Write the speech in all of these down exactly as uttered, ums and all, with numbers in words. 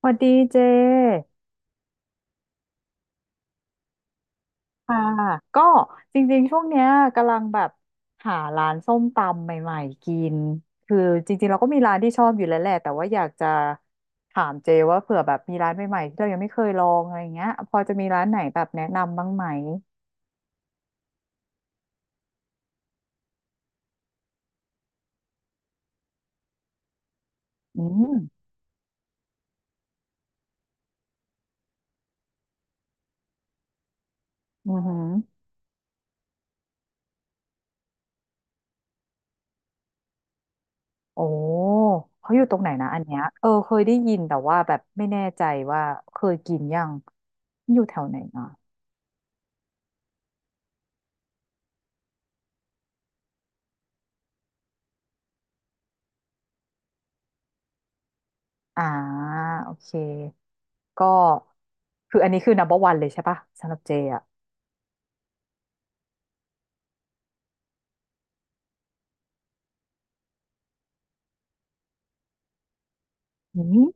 สวัสดีเจ ค่ะ ก็จริงๆ ช่วงเนี้ยกำลังแบบหาร้านส้มตำใหม่ๆกินคือจริงๆเราก็มีร้านที่ชอบอยู่แล้วแหละแต่ว่าอยากจะถามเจว่าเผื่อแบบมีร้านใหม่ๆที่เรายังไม่เคยลองอะไรเงี้ยพอจะมีร้านไหนแบบแนะนำบ้างไหมอืมอือหือโอ้เขาอยู่ตรงไหนนะอันเนี้ยเออเคยได้ยินแต่ว่าแบบไม่แน่ใจว่าเคยกินยังอยู่แถวไหนอ่ะอ่าโอเค ก็คืออันนี้คือ นัมเบอร์ วัน เบอร์วันเลยใช่ปะสำหรับเจอ่ะอืม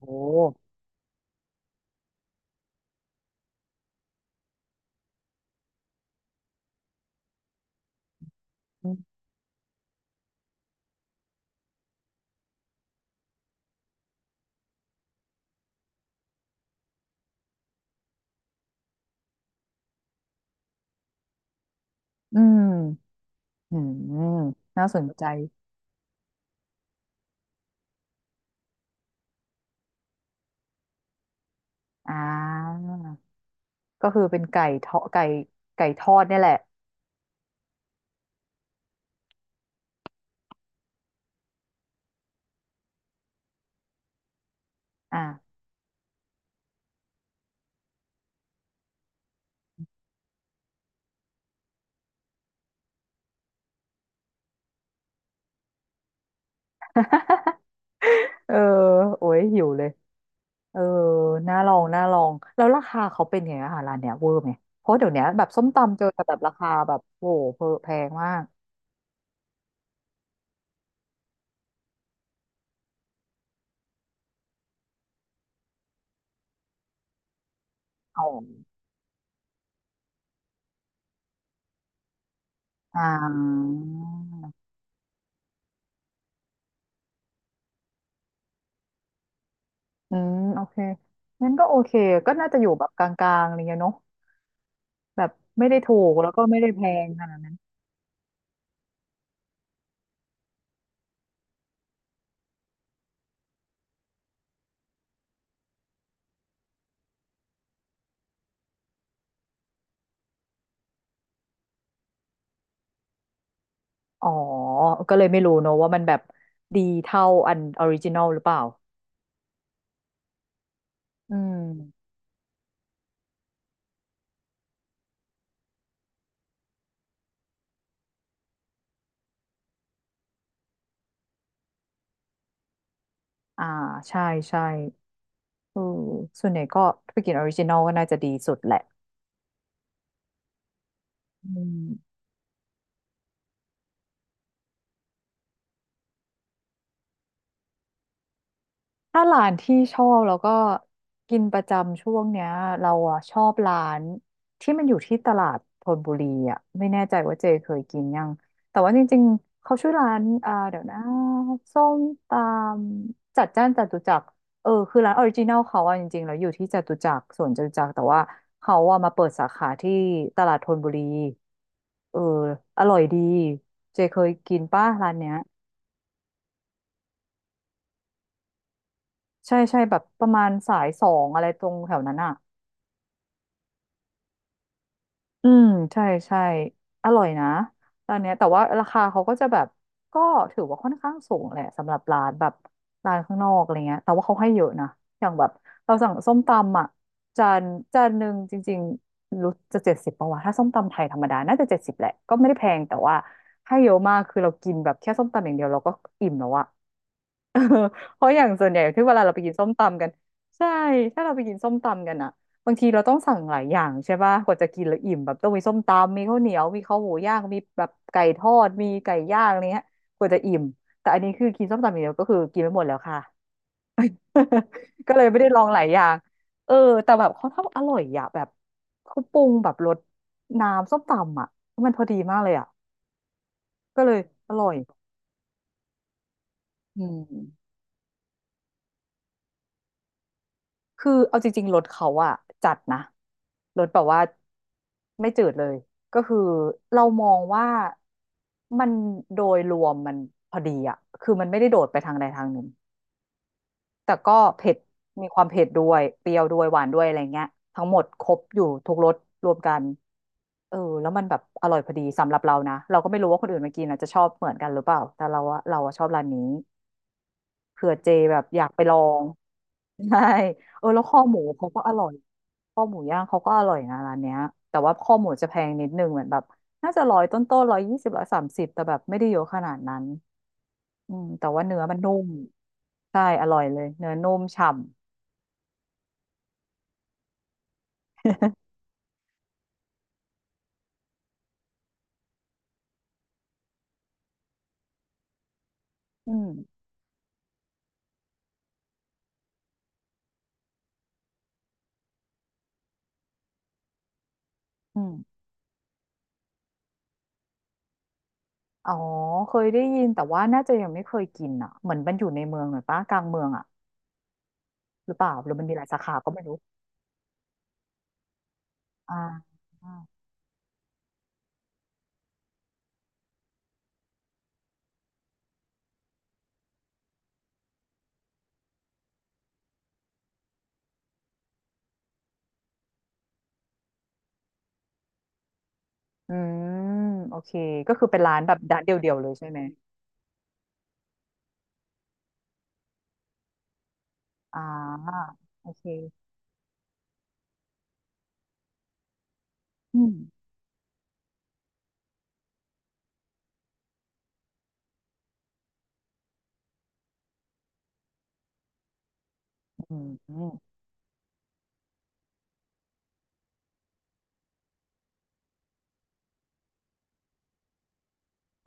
โอ้อืมอืมอืมน่าสนใจอ่าก็คือเป็นไก่ทอดไก่ไก่ทอดเนี่ยแหละอ่า เออโอ้ยหิวเลยเออน่าลองน่าลองแล้วราคาเขาเป็นไงอาหารร้านเนี้ยเวอร์ไหมเพราะเดี๋ยวเนี้ยแบบส้มตำเจอแต่แบบราคาแบบโอ้โหแพงมากอ๋ออ่า อืมโอเคงั้นก็โอเคก็น่าจะอยู่แบบกลางๆอะไรเงี้ยเนาะแบบไม่ได้ถูกแล้วก็ไม่ได้แพงขนาดนั้นอ๋อก็เลยไม่รู้เนอะว่ามันแบบดีเท่าอันออริจินอลหรือเปล่าอืมอ่าใช่ใช่เออส่วนใหญ่ก็ไปกินออริจินอลก็น่าจะดีสุดแหละอืม ถ้าร้านที่ชอบแล้วก็กินประจำช่วงเนี้ยเราอ่ะชอบร้านที่มันอยู่ที่ตลาดธนบุรีอ่ะไม่แน่ใจว่าเจเคยกินยังแต่ว่าจริงๆเขาชื่อร้านอ่าเดี๋ยวนะส้มตำจัดจ้านจตุจักรเออคือร้านออริจินัลเขาอ่ะจริงๆแล้วอยู่ที่จตุจักรสวนจตุจักรแต่ว่าเขาอ่ะมาเปิดสาขาที่ตลาดธนบุรีเอออร่อยดีเจเคยกินป้ะร้านเนี้ยใช่ใช่แบบประมาณสายสองอะไรตรงแถวนั้นอ่ะ อืมใช่ใช่อร่อยนะร้านเนี้ยแต่ว่าราคาเขาก็จะแบบก็ถือว่าค่อนข้างสูงแหละสำหรับร้านแบบร้านข้างนอกอะไรเงี้ยแต่ว่าเขาให้เยอะนะอย่างแบบเราสั่งส้มตำอ่ะจานจานหนึ่งจริงๆรู้จะเจ็ดสิบปะวะถ้าส้มตำไทยธรรมดาน่าจะเจ็ดสิบแหละก็ไม่ได้แพงแต่ว่าให้เยอะมากคือเรากินแบบแค่ส้มตำอย่างเดียวเราก็อิ่มแล้วอะ เพราะอย่างส่วนใหญ่ที่เวลาเราไปกินส้มตำกันใช่ถ้าเราไปกินส้มตำกันอะบางทีเราต้องสั่งหลายอย่างใช่ป่ะกว่าจะกินแล้วอิ่มแบบต้องมีส้มตำมีข้าวเหนียวมีข้าวหมูย่างมีแบบไก่ทอดมีไก่ย่างอะไรเงี้ยกว่าจะอิ่มแต่อันนี้คือกินส้มตำอย่างเดียวก็คือกินไม่หมดแล้วค่ะ ก็เลยไม่ได้ลองหลายอย่างเออแต่แบบเขาทำอร่อยอะแบบเขาปรุงแบบรสน้ำส้มตำอะมันพอดีมากเลยอะก็เลยอร่อยอืม คือเอาจริงๆรถเขาอะจัดนะรถแบบว่าไม่จืดเลยก็คือเรามองว่ามันโดยรวมมันพอดีอะคือมันไม่ได้โดดไปทางใดทางหนึ่งแต่ก็เผ็ดมีความเผ็ดด้วยเปรี้ยวด้วยหวานด้วยอะไรเงี้ยทั้งหมดครบอยู่ทุกรสรวมกันเออแล้วมันแบบอร่อยพอดีสำหรับเรานะเราก็ไม่รู้ว่าคนอื่นมากินอาจจะชอบเหมือนกันหรือเปล่าแต่เราอะเราอะชอบร้านนี้ เผื่อเจแบบอยากไปลอง ใช่เออแล้วข้อหมูเขาก็อร่อยข้อหมูย่างเขาก็อร่อยนะร้านเนี้ยแต่ว่าข้อหมูจะแพงนิดนึงเหมือนแบบน่าจะร้อยต้นๆร้อยยี่สิบร้อยสามสิบแต่แบบไม่ได้เยอะขนาดนั้นอืมแต่ว่าเนื้อมันนุ่มใช่อร่อยเลยเนื้อนุ่มฉ่ำ อืมอืมอ๋อเคยได้ยินแต่ว่าน่าจะยังไม่เคยกินอ่ะเหมือนมันอยู่ในเมืองหน่อยปะกลางเมืองอ่ะหรือเปล่าหรือมันมีหลายสาขาก็ไม่รู้อ่า อืมโอเคก็คือเป็นร้านแบบร้านเดียวๆเลยใช่ไหมอ่าโอเคอืมอืมอืม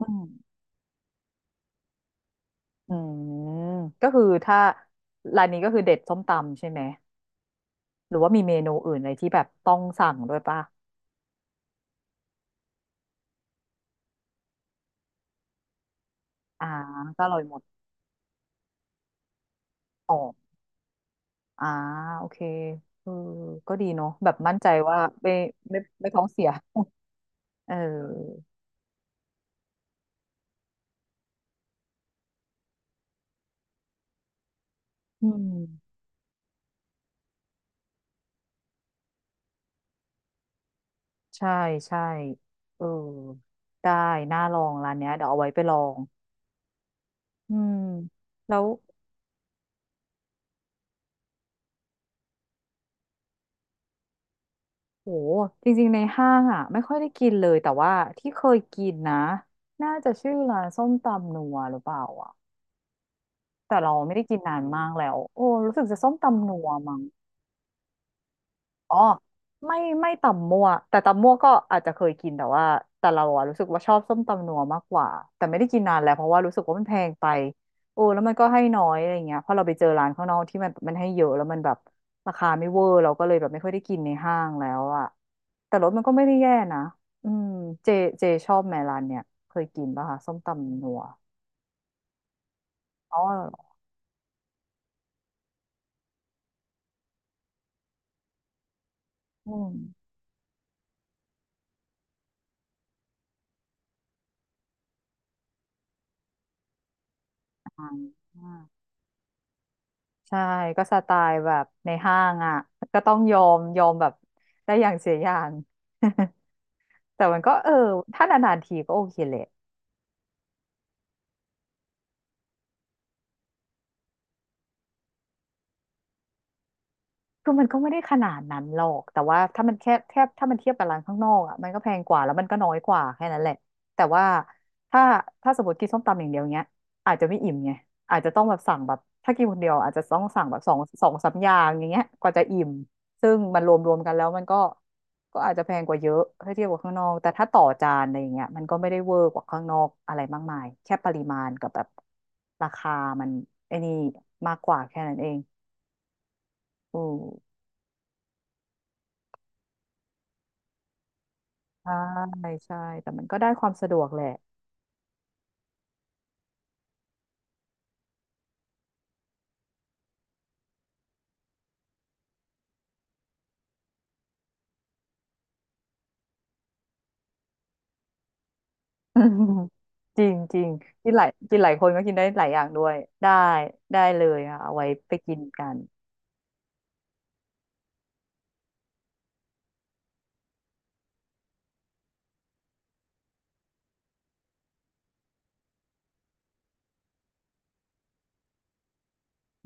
อืมอืมก็คือถ้าร้านนี้ก็คือเด็ดส้มตำใช่ไหมหรือว่ามีเมนูอื่นอะไรที่แบบต้องสั่งด้วยป่ะอ่าก็อร่อยหมดอ๋ออ่าโอเคเออก็ดีเนาะแบบมั่นใจว่าไม่ไม่ไม่ท้องเสียเอออืมใช่ใช่เออได้น่าลองร้านเนี้ยเดี๋ยวเอาไว้ไปลอง อืมแล้วโหจริงๆในห้างอ่ะไม่ค่อยได้กินเลยแต่ว่าที่เคยกินนะน่าจะชื่อร้านส้มตำนัวหรือเปล่าอ่ะแต่เราไม่ได้กินนานมากแล้วโอ้รู้สึกจะส้มตำนัวมั้ง อ๋อไม่ไม่ตำมั่วแต่ตำมั่วก็อาจจะเคยกินแต่ว่าแต่เราอะรู้สึกว่าชอบส้มตำนัวมากกว่าแต่ไม่ได้กินนานแล้วเพราะว่ารู้สึกว่ามันแพงไปโอ้แล้วมันก็ให้น้อยอะไรเงี้ยเพราะเราไปเจอร้านข้างนอกที่มันมันให้เยอะแล้วมันแบบราคาไม่เวอร์เราก็เลยแบบไม่ค่อยได้กินในห้างแล้วอะแต่รสมันก็ไม่ได้แย่นะอืมเจเจชอบแมร้านเนี่ยเคยกินป่ะคะส้มตำนัวอ๋ออืมอ่า ใช่ก็สไตล์แบบในห้างอ่ะก็ต้องยอมยอมแบบได้อย่างเสียอย่าง แต่มันก็เออถ้านานๆทีก็โอเคแหละ คือมันก็ไม่ได้ขนาดนั้นหรอกแต่ว่าถ้ามันแค่แทบถ้ามันเทียบกับร้านข้างนอกอ่ะมันก็แพงกว่าแล้วมันก็น้อยกว่าแค่นั้นแหละแต่ว่าถ้าถ้าสมมติกินส้มตำอย่างเดียวเนี้ยอาจจะไม่อิ่มไงอาจจะต้องแบบสั่งแบบถ้ากินคนเดียวอาจจะต้องสั่งแบบสองสองสามอย่างอย่างเงี้ยกว่าจะอิ่มซึ่งมันรวมรวมกันแล้วมันก็ก็อาจจะแพงกว่าเยอะถ้าเทียบกับข้างนอกแต่ถ้าต่อจานอะไรอย่างเงี้ยมันก็ไม่ได้เวอร์กว่าข้างนอกอะไรมากมายแค่ปริมาณกับแบบราคามันไอ้นี่มากกว่าแค่นั้นเองอือ ใช่ใช่แต่มันก็ได้ความสะดวกแหละ อืมจริงจริงกินหลายกินหลายคนก็กินได้หลายอย่างด้วยได้ได้เลยค่ะเอาไว้ไปกินกัน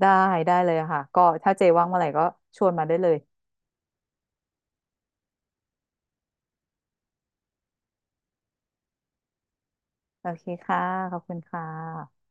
ได้ได้เลยค่ะก็ถ้าเจว่างเมื่อไหร่ก็ชวนมาได้เลยโอเคค่ะขอบคุณค่ะ